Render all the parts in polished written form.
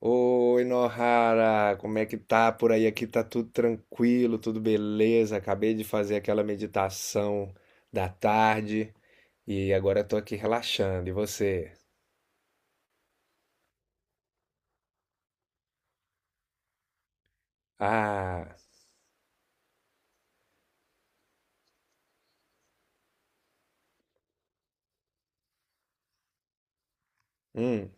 Oi, Nohara, como é que tá por aí? Aqui tá tudo tranquilo, tudo beleza. Acabei de fazer aquela meditação da tarde e agora eu tô aqui relaxando. E você? Ah, hum,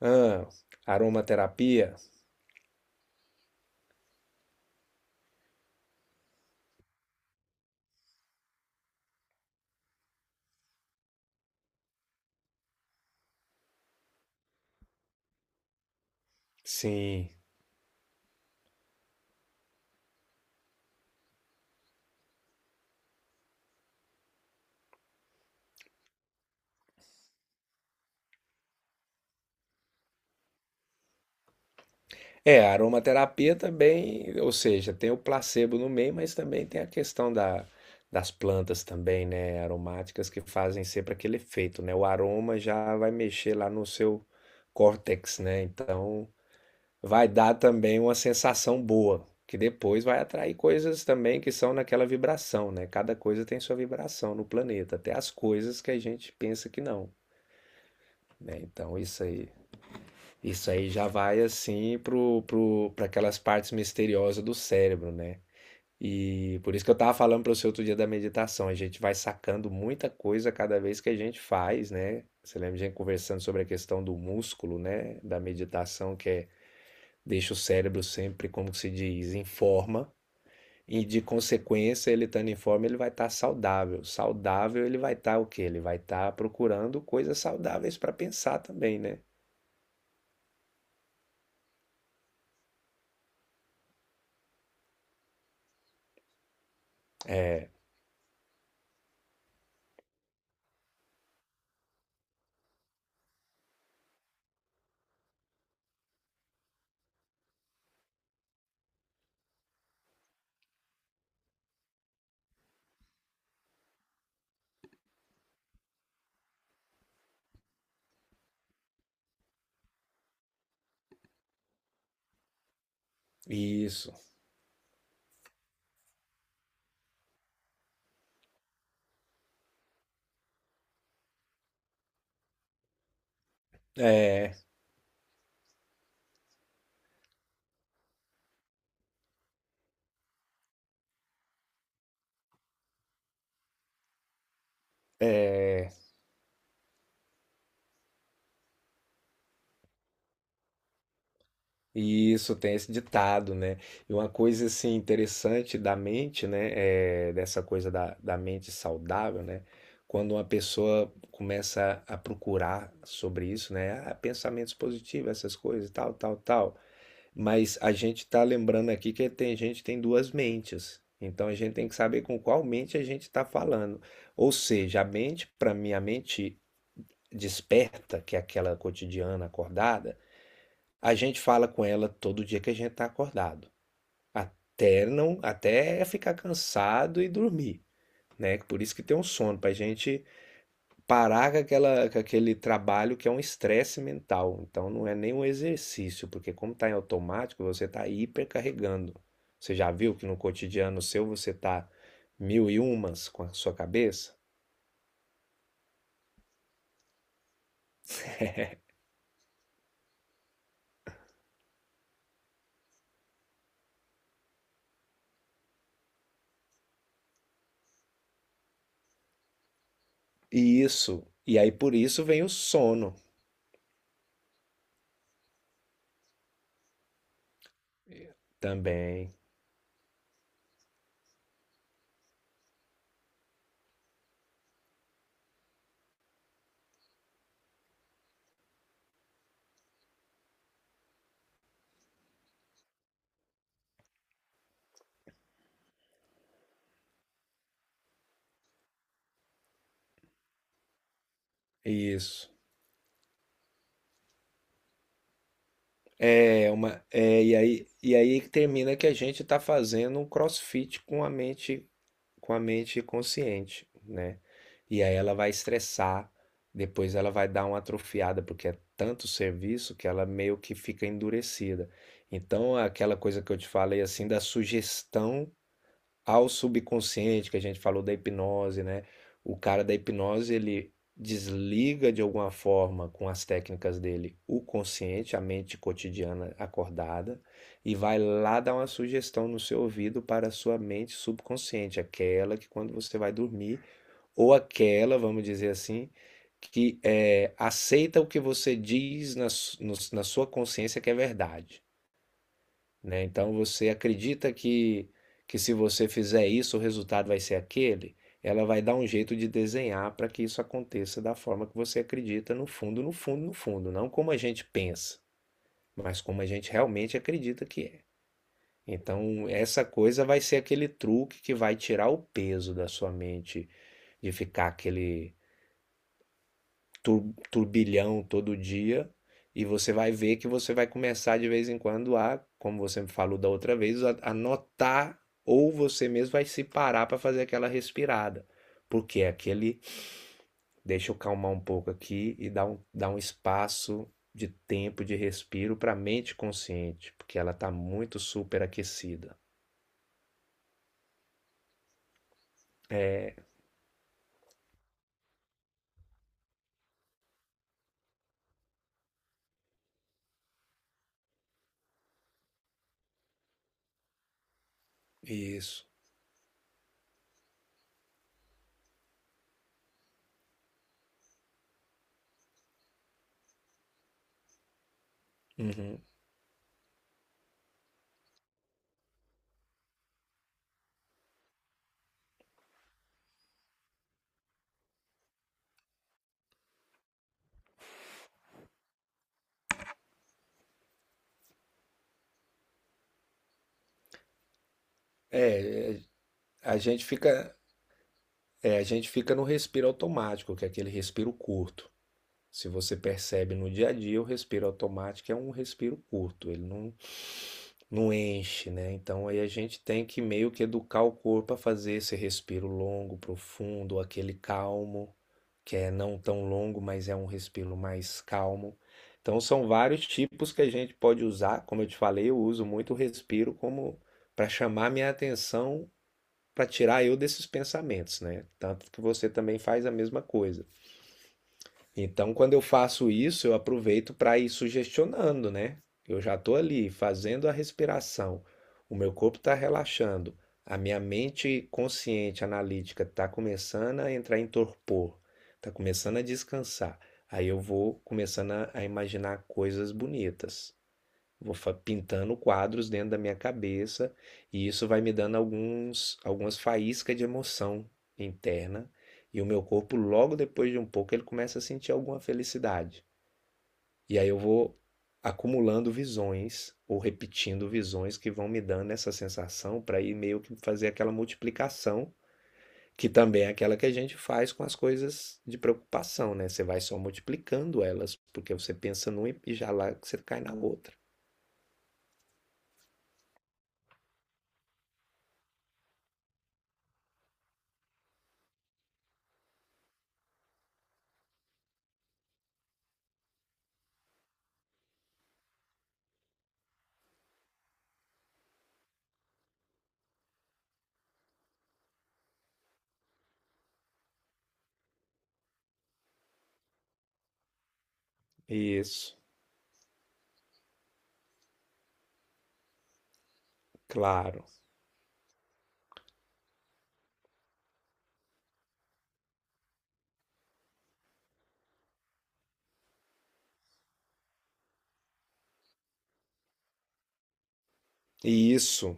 ah, aromaterapia? Sim. É, a aromaterapia também, ou seja, tem o placebo no meio, mas também tem a questão da, das plantas também, né, aromáticas que fazem sempre aquele efeito, né? O aroma já vai mexer lá no seu córtex, né? Então, vai dar também uma sensação boa, que depois vai atrair coisas também que são naquela vibração, né? Cada coisa tem sua vibração no planeta, até as coisas que a gente pensa que não, né? Então, isso aí já vai assim para aquelas partes misteriosas do cérebro, né? E por isso que eu tava falando para você outro dia da meditação, a gente vai sacando muita coisa cada vez que a gente faz, né? Você lembra de a gente conversando sobre a questão do músculo, né? Da meditação, que é deixa o cérebro sempre, como se diz, em forma. E de consequência, ele estando em forma, ele vai estar saudável. Saudável, ele vai estar o quê? Ele vai estar procurando coisas saudáveis para pensar também, né? Isso. É. Isso, tem esse ditado, né? E uma coisa assim interessante da mente, né? É, dessa coisa da, da mente saudável, né? Quando uma pessoa começa a procurar sobre isso, né? Ah, pensamentos positivos, essas coisas, tal, tal, tal. Mas a gente tá lembrando aqui que tem gente tem duas mentes. Então a gente tem que saber com qual mente a gente está falando. Ou seja, a mente, para mim, a mente desperta, que é aquela cotidiana acordada. A gente fala com ela todo dia que a gente está acordado, até não, até ficar cansado e dormir, né? Por isso que tem um sono, pra gente parar com aquela, com aquele trabalho que é um estresse mental. Então não é nem um exercício, porque como tá em automático, você tá hipercarregando. Você já viu que no cotidiano seu você tá mil e umas com a sua cabeça? E isso, e aí por isso vem o sono também. Isso. É uma, é, e aí termina que a gente está fazendo um CrossFit com a mente consciente, né? E aí ela vai estressar, depois ela vai dar uma atrofiada, porque é tanto serviço que ela meio que fica endurecida. Então, aquela coisa que eu te falei assim da sugestão ao subconsciente, que a gente falou da hipnose, né? O cara da hipnose, ele desliga de alguma forma com as técnicas dele o consciente, a mente cotidiana acordada, e vai lá dar uma sugestão no seu ouvido para a sua mente subconsciente, aquela que quando você vai dormir, ou aquela, vamos dizer assim, que é, aceita o que você diz na, na sua consciência que é verdade, né? Então você acredita que se você fizer isso, o resultado vai ser aquele? Ela vai dar um jeito de desenhar para que isso aconteça da forma que você acredita, no fundo, no fundo, no fundo, não como a gente pensa, mas como a gente realmente acredita que é. Então, essa coisa vai ser aquele truque que vai tirar o peso da sua mente de ficar aquele turbilhão todo dia e você vai ver que você vai começar de vez em quando a, como você me falou da outra vez, a notar ou você mesmo vai se parar para fazer aquela respirada. Porque é aquele, deixa eu calmar um pouco aqui e dar um espaço de tempo de respiro para a mente consciente, porque ela está muito superaquecida. É isso. Uhum. É, A gente fica, a gente fica no respiro automático, que é aquele respiro curto. Se você percebe no dia a dia, o respiro automático é um respiro curto, ele não enche, né? Então aí a gente tem que meio que educar o corpo a fazer esse respiro longo, profundo, aquele calmo, que é não tão longo, mas é um respiro mais calmo. Então são vários tipos que a gente pode usar. Como eu te falei, eu uso muito o respiro como para chamar minha atenção, para tirar eu desses pensamentos, né? Tanto que você também faz a mesma coisa. Então, quando eu faço isso, eu aproveito para ir sugestionando, né? Eu já estou ali fazendo a respiração, o meu corpo está relaxando, a minha mente consciente, analítica, está começando a entrar em torpor, está começando a descansar. Aí eu vou começando a imaginar coisas bonitas. Vou pintando quadros dentro da minha cabeça e isso vai me dando algumas faíscas de emoção interna. E o meu corpo, logo depois de um pouco, ele começa a sentir alguma felicidade. E aí eu vou acumulando visões ou repetindo visões que vão me dando essa sensação para ir meio que fazer aquela multiplicação, que também é aquela que a gente faz com as coisas de preocupação, né? Você vai só multiplicando elas, porque você pensa numa e já lá você cai na outra. Isso. Claro. E isso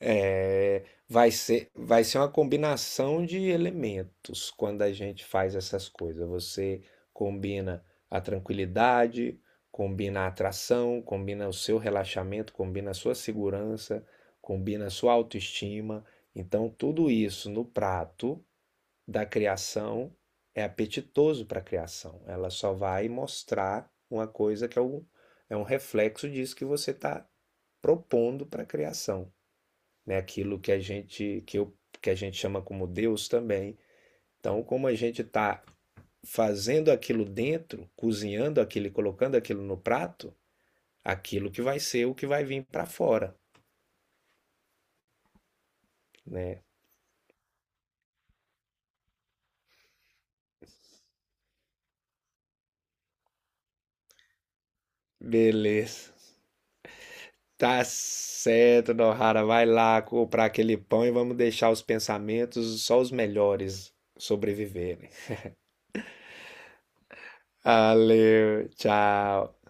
vai ser uma combinação de elementos quando a gente faz essas coisas. Você combina a tranquilidade, combina a atração, combina o seu relaxamento, combina a sua segurança, combina a sua autoestima. Então, tudo isso no prato da criação é apetitoso para a criação. Ela só vai mostrar uma coisa que é um reflexo disso que você está propondo para a criação, né? Aquilo que a gente que, eu, que a gente chama como Deus também. Então, como a gente está fazendo aquilo dentro, cozinhando aquilo, e colocando aquilo no prato, aquilo que vai ser o que vai vir para fora, né? Beleza. Tá certo, Nohara, vai lá comprar aquele pão e vamos deixar os pensamentos só os melhores sobreviverem. Valeu, tchau.